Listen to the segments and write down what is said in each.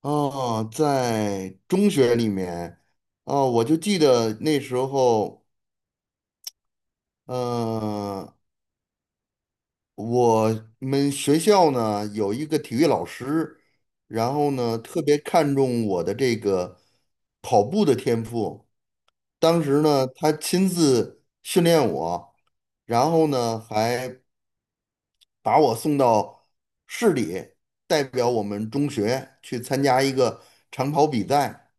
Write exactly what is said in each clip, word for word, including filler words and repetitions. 哦，在中学里面，哦，我就记得那时候，呃，我们学校呢有一个体育老师，然后呢特别看重我的这个跑步的天赋。当时呢，他亲自训练我，然后呢还把我送到市里，代表我们中学去参加一个长跑比赛。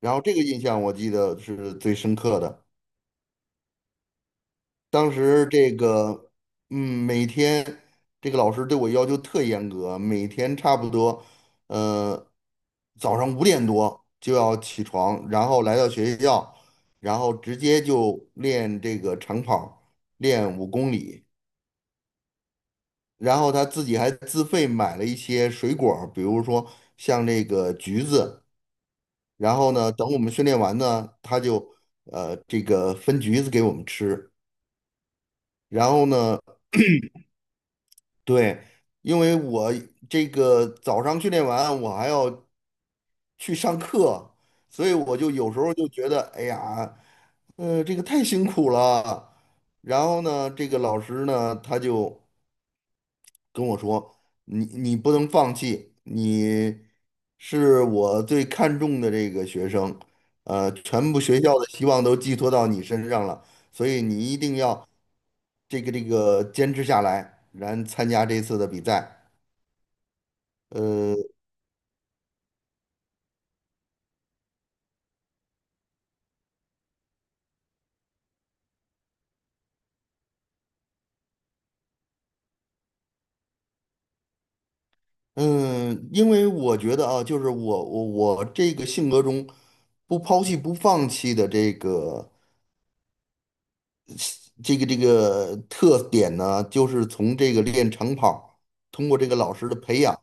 然后这个印象我记得是最深刻的。当时这个，嗯，每天这个老师对我要求特严格，每天差不多，呃，早上五点多就要起床，然后来到学校，然后直接就练这个长跑，练五公里。然后他自己还自费买了一些水果儿比如说像这个橘子。然后呢，等我们训练完呢，他就呃这个分橘子给我们吃。然后呢，对，因为我这个早上训练完，我还要去上课，所以我就有时候就觉得，哎呀，呃，这个太辛苦了。然后呢，这个老师呢，他就，跟我说，你你不能放弃，你是我最看重的这个学生，呃，全部学校的希望都寄托到你身上了，所以你一定要这个这个坚持下来，然参加这次的比赛。呃嗯，因为我觉得啊，就是我我我这个性格中不抛弃不放弃的这个，这个这个特点呢，就是从这个练长跑，通过这个老师的培养，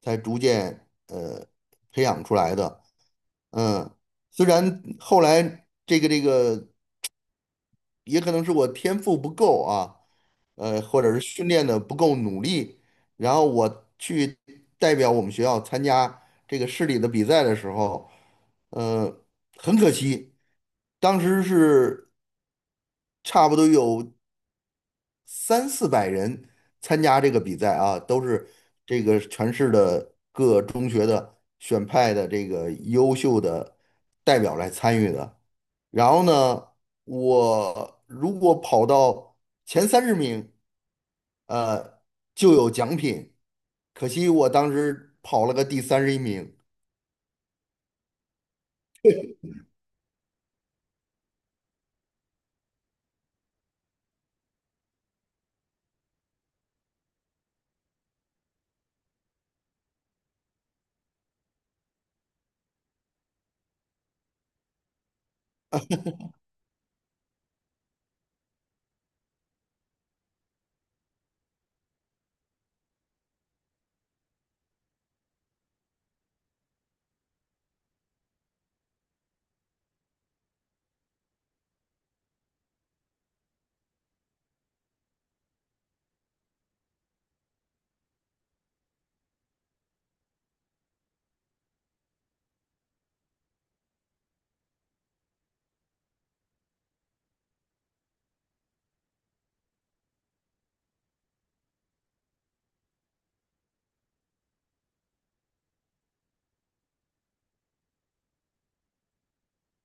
才逐渐呃培养出来的。嗯，虽然后来这个这个也可能是我天赋不够啊，呃，或者是训练的不够努力，然后我去代表我们学校参加这个市里的比赛的时候，呃，很可惜，当时是差不多有三四百人参加这个比赛啊，都是这个全市的各中学的选派的这个优秀的代表来参与的。然后呢，我如果跑到前三十名，呃，就有奖品。可惜我当时跑了个第三十一名。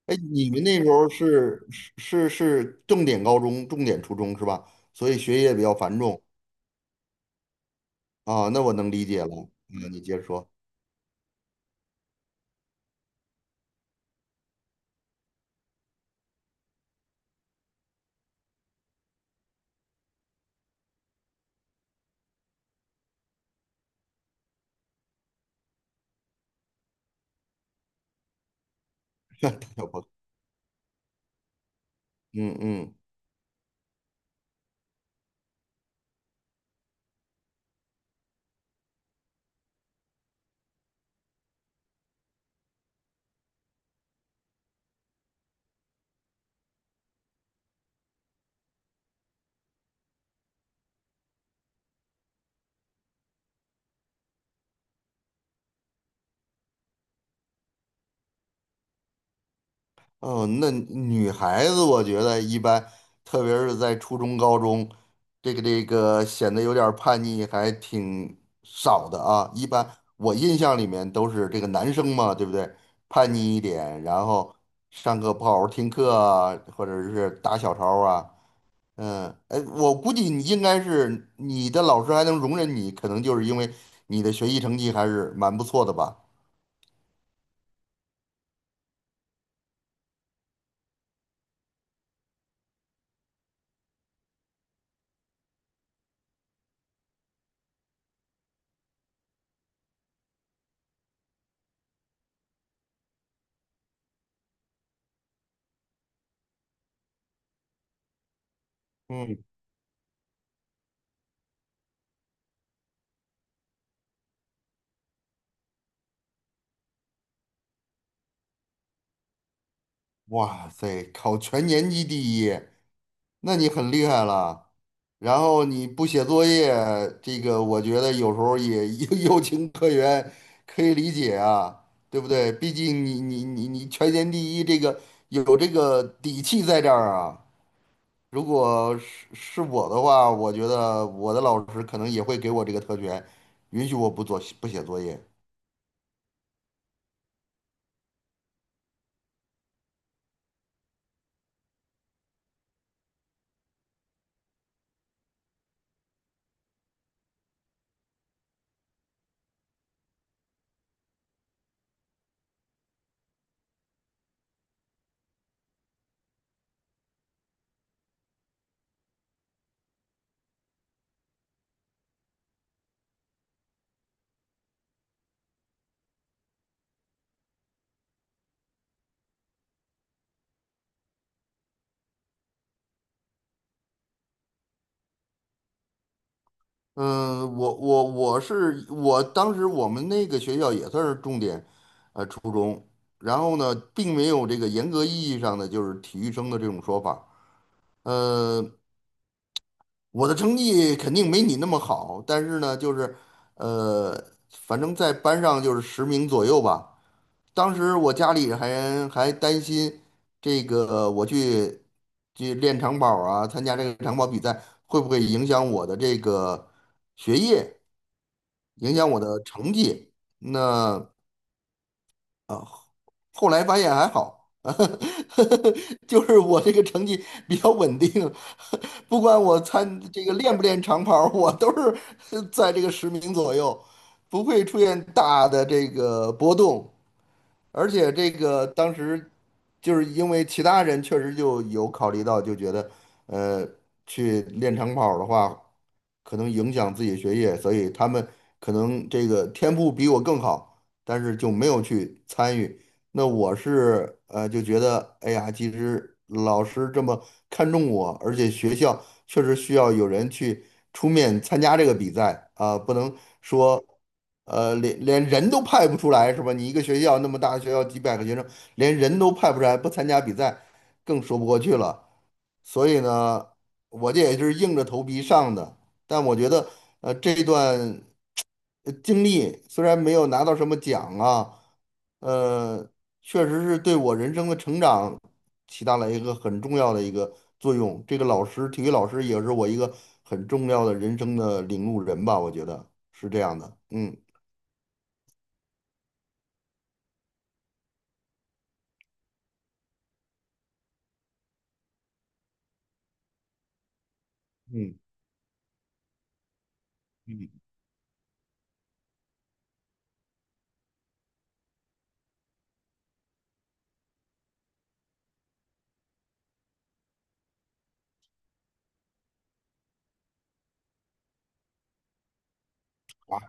哎，你们那时候是是是是重点高中、重点初中是吧？所以学业比较繁重啊，那我能理解了。嗯，你接着说。朋友，嗯嗯，哦，那女孩子我觉得一般，特别是在初中、高中，这个这个显得有点儿叛逆，还挺少的啊。一般我印象里面都是这个男生嘛，对不对？叛逆一点，然后上课不好好听课啊，或者是打小抄啊。嗯，哎，我估计你应该是你的老师还能容忍你，可能就是因为你的学习成绩还是蛮不错的吧。嗯。哇塞，考全年级第一，那你很厉害了。然后你不写作业，这个我觉得有时候也 有有情可原，可以理解啊，对不对？毕竟你你你你全年第一，这个有这个底气在这儿啊。如果是是我的话，我觉得我的老师可能也会给我这个特权，允许我不做不写作业。嗯，我我我是我当时我们那个学校也算是重点，呃，初中。然后呢，并没有这个严格意义上的就是体育生的这种说法。呃，我的成绩肯定没你那么好，但是呢，就是呃，反正在班上就是十名左右吧。当时我家里还还担心这个呃我去去练长跑啊，参加这个长跑比赛会不会影响我的这个学业？影响我的成绩。那后来发现还好，就是我这个成绩比较稳定，不管我参这个练不练长跑儿我都是 在这个十名左右，不会出现大的这个波动。而且这个当时就是因为其他人确实就有考虑到，就觉得呃，去练长跑儿的话，可能影响自己的学业，所以他们可能这个天赋比我更好，但是就没有去参与。那我是呃就觉得，哎呀，其实老师这么看重我，而且学校确实需要有人去出面参加这个比赛啊，不能说，呃，连连人都派不出来是吧？你一个学校那么大，学校几百个学生，连人都派不出来，不参加比赛，更说不过去了。所以呢，我这也是硬着头皮上的。但我觉得，呃，这段呃经历虽然没有拿到什么奖啊，呃，确实是对我人生的成长起到了一个很重要的一个作用。这个老师，体育老师也是我一个很重要的人生的领路人吧，我觉得是这样的。嗯嗯嗯，啊，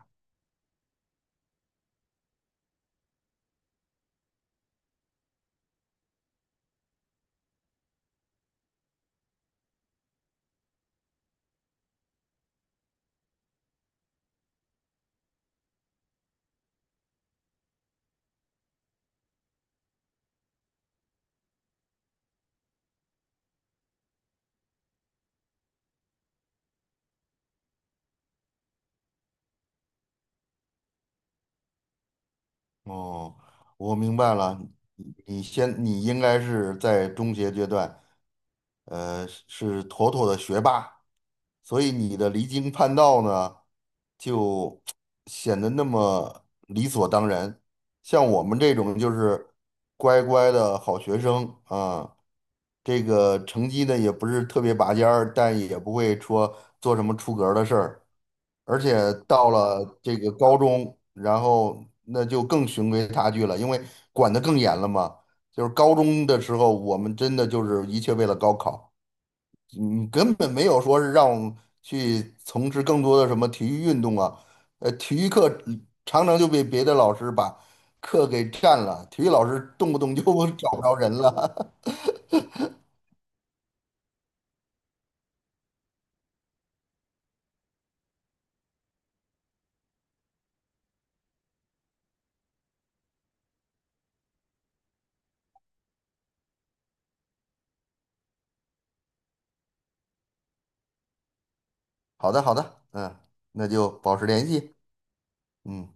哦，我明白了，你你先，你应该是在中学阶段，呃，是妥妥的学霸。所以你的离经叛道呢，就 显得那么理所当然。像我们这种就是乖乖的好学生啊，这个成绩呢也不是特别拔尖儿，但也不会说做什么出格儿的事儿。而且到了这个高中，然后那就更循规蹈矩了，因为管得更严了嘛。就是高中的时候，我们真的就是一切为了高考。嗯，根本没有说是让我们去从事更多的什么体育运动啊，呃，体育课嗯常常就被别的老师把课给占了，体育老师动不动就 找不着人了。好的，好的，嗯，那就保持联系，嗯。